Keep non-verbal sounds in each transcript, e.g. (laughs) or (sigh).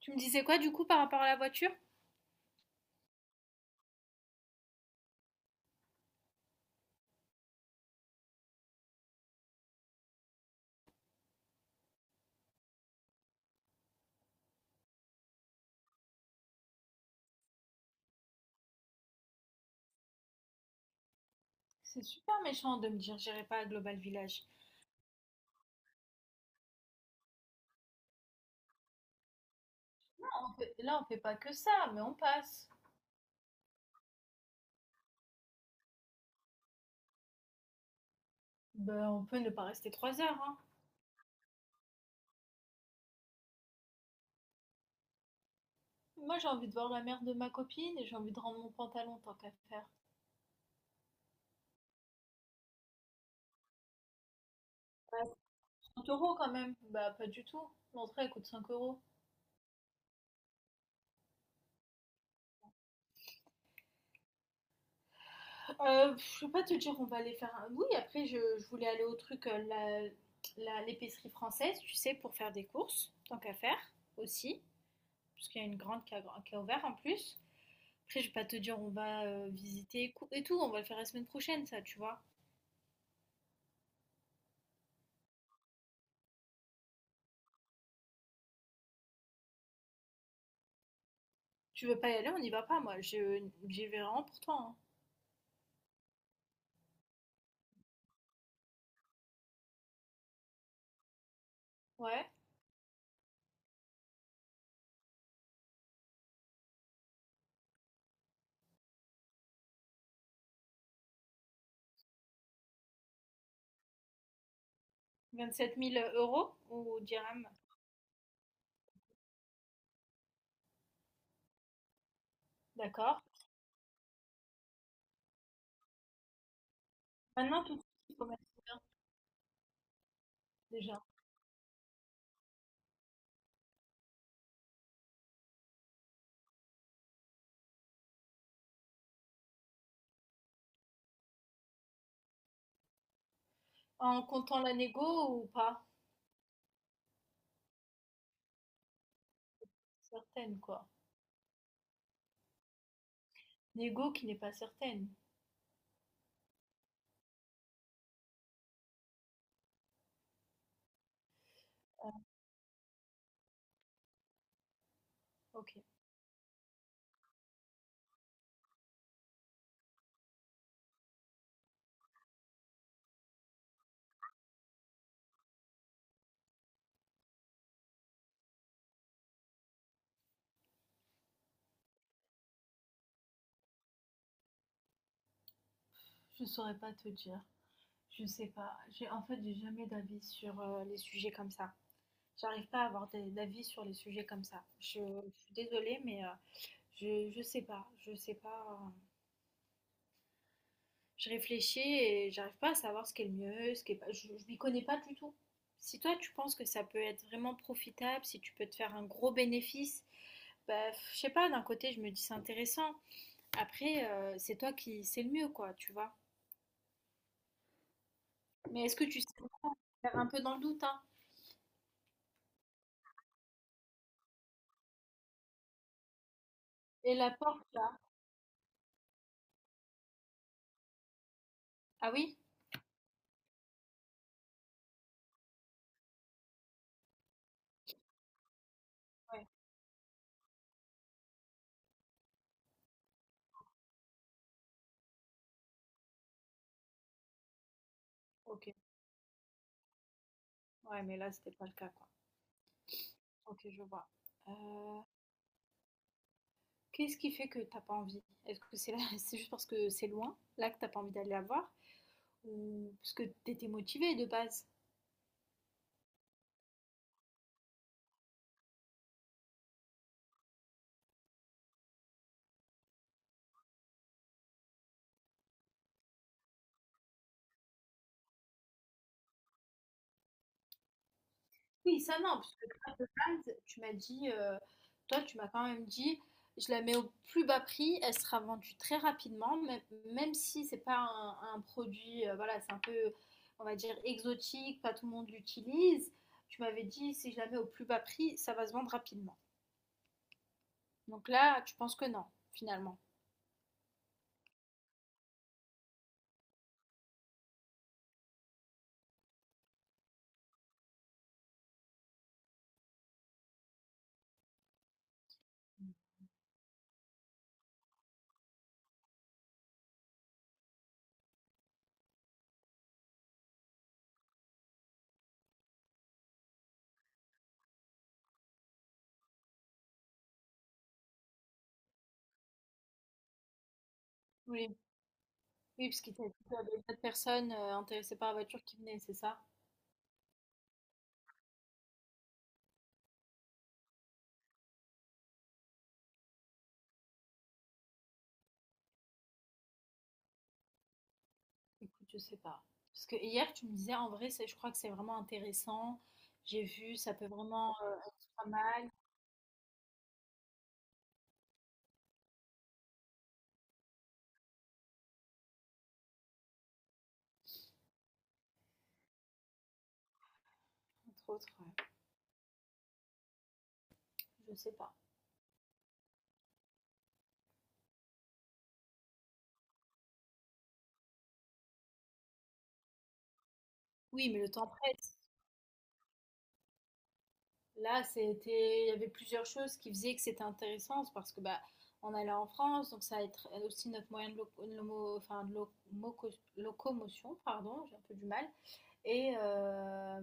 Tu me disais quoi du coup par rapport à la voiture? C'est super méchant de me dire j'irai pas à Global Village. Là, on fait pas que ça, mais on passe. Ben, on peut ne pas rester trois heures, hein. Moi, j'ai envie de voir la mère de ma copine et j'ai envie de rendre mon pantalon tant qu'à faire. Ouais, 30 € quand même. Bah, pas du tout. L'entrée, elle coûte 5 euros. Je peux pas te dire, on va aller faire un. Oui, après, je voulais aller au truc, l'épicerie française, tu sais, pour faire des courses, tant qu'à faire aussi. Parce qu'il y a une grande qui a ouvert en plus. Après, je vais pas te dire on va visiter et tout, on va le faire la semaine prochaine, ça, tu vois. Tu veux pas y aller, on n'y va pas, moi. J'y vais vraiment pour toi, hein. Ouais. 27 000 euros ou dirhams. D'accord. Maintenant, tout de suite, il faut mettre combien, déjà? En comptant la négo ou pas? Certaine, quoi. Négo qui n'est pas certaine. Ok. Je saurais pas te dire. Je sais pas. J'ai, en fait, j'ai jamais d'avis sur les sujets comme ça. J'arrive pas à avoir des- D'avis sur les sujets comme ça. Je suis désolée, mais je sais pas, je sais pas. Je réfléchis et j'arrive pas à savoir ce qui est le mieux, ce qui est pas. Je m'y connais pas du tout. Si toi tu penses que ça peut être vraiment profitable, si tu peux te faire un gros bénéfice, bah, je sais pas, d'un côté je me dis c'est intéressant. Après, c'est toi qui sais le mieux, quoi, tu vois. Mais est-ce que tu sais faire un peu dans le doute, hein? Et la porte là? Ah oui? Ouais, ok. Ouais, mais là c'était pas le cas, quoi. Ok, je vois. Euh, Qu'est-ce qui fait que t'as pas envie? Est-ce que c'est là, (laughs) c'est juste parce que c'est loin, là que t'as pas envie d'aller la voir, ou parce que t'étais motivée de base? Oui, ça non, parce que toi, de base, tu m'as dit, toi, tu m'as quand même dit, je la mets au plus bas prix, elle sera vendue très rapidement, même, même si c'est pas un produit, voilà, c'est un peu, on va dire, exotique, pas tout le monde l'utilise. Tu m'avais dit, si je la mets au plus bas prix, ça va se vendre rapidement. Donc là, tu penses que non, finalement. Oui, oui, parce qu'il y avait d'autres personnes intéressées par la voiture qui venaient, c'est ça? Écoute, je sais pas. Parce que hier, tu me disais, en vrai, je crois que c'est vraiment intéressant. J'ai vu, ça peut vraiment être pas mal, entre autres, ouais. Je sais pas. Oui, mais le temps presse. Là, c'était, il y avait plusieurs choses qui faisaient que c'était intéressant, c'est parce que bah, on allait en France, donc ça va être aussi notre moyen de, enfin, de loco- locomotion, pardon, j'ai un peu du mal. Et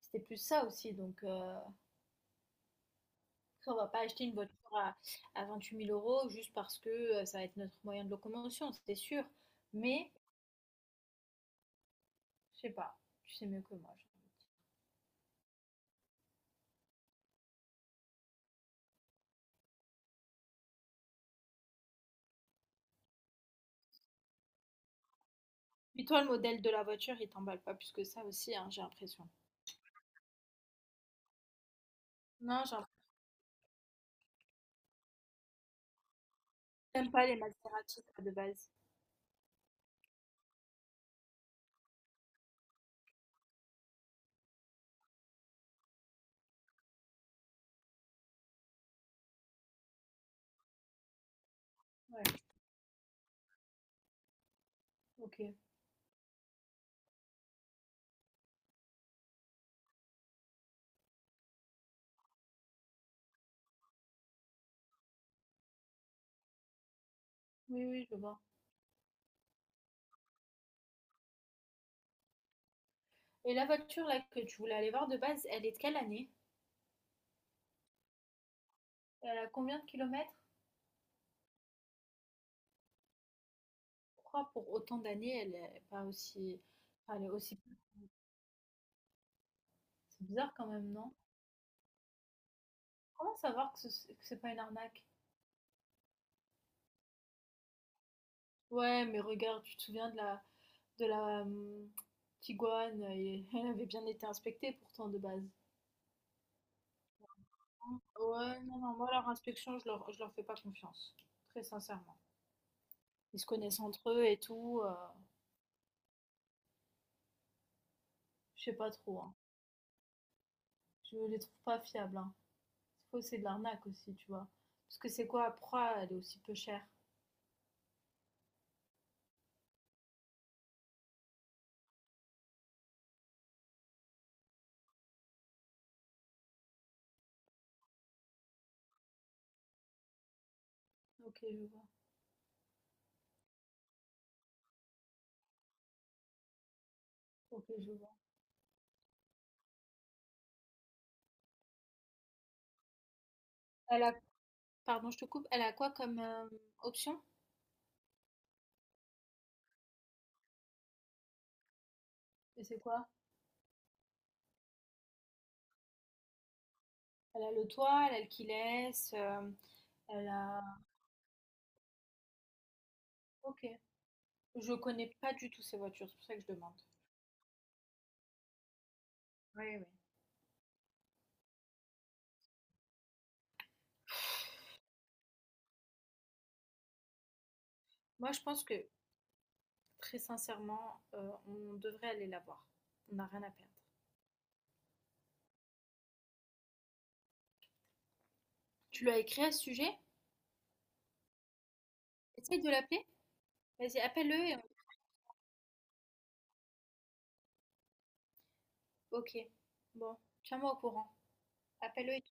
c'était plus ça aussi, donc on va pas acheter une voiture à 28 000 € juste parce que ça va être notre moyen de locomotion, c'est sûr. Mais, je sais pas, tu sais mieux que moi, j'ai envie de dire. Puis toi, le modèle de la voiture, il t'emballe pas plus que ça aussi, hein, j'ai l'impression. Non, j'ai l'impression que t'aimes pas les Maserati, toi, de base. Ouais, ok. Oui, oui, je vois. Et la voiture là que tu voulais aller voir de base, elle est de quelle année? Elle a combien de kilomètres? Pourquoi pour autant d'années, elle est pas aussi... enfin, elle est aussi... C'est bizarre quand même, non? Comment savoir que que c'est pas une arnaque? Ouais, mais regarde, tu te souviens de la Tiguan, (laughs) elle avait bien été inspectée pourtant de base. Ouais, non, non, moi leur inspection, je leur fais pas confiance, très sincèrement. Ils se connaissent entre eux et tout, je sais pas trop, hein. Je les trouve pas fiables, hein. C'est faux, c'est de l'arnaque aussi, tu vois. Parce que c'est quoi, Proie, elle est aussi peu chère. Ok, je vois. Ok, je vois. Elle a, pardon, je te coupe, elle a quoi comme option? Et c'est quoi? Elle a le toit, elle a le Kiles, elle a... Ok. Je connais pas du tout ces voitures, c'est pour ça que je demande. Oui, oui. Moi, je pense que, très sincèrement, on devrait aller la voir. On n'a rien à perdre. Tu lui as écrit à ce sujet? Essaye de l'appeler. Vas-y, appelle-le et Ok. Bon, tiens-moi au courant. Appelle-le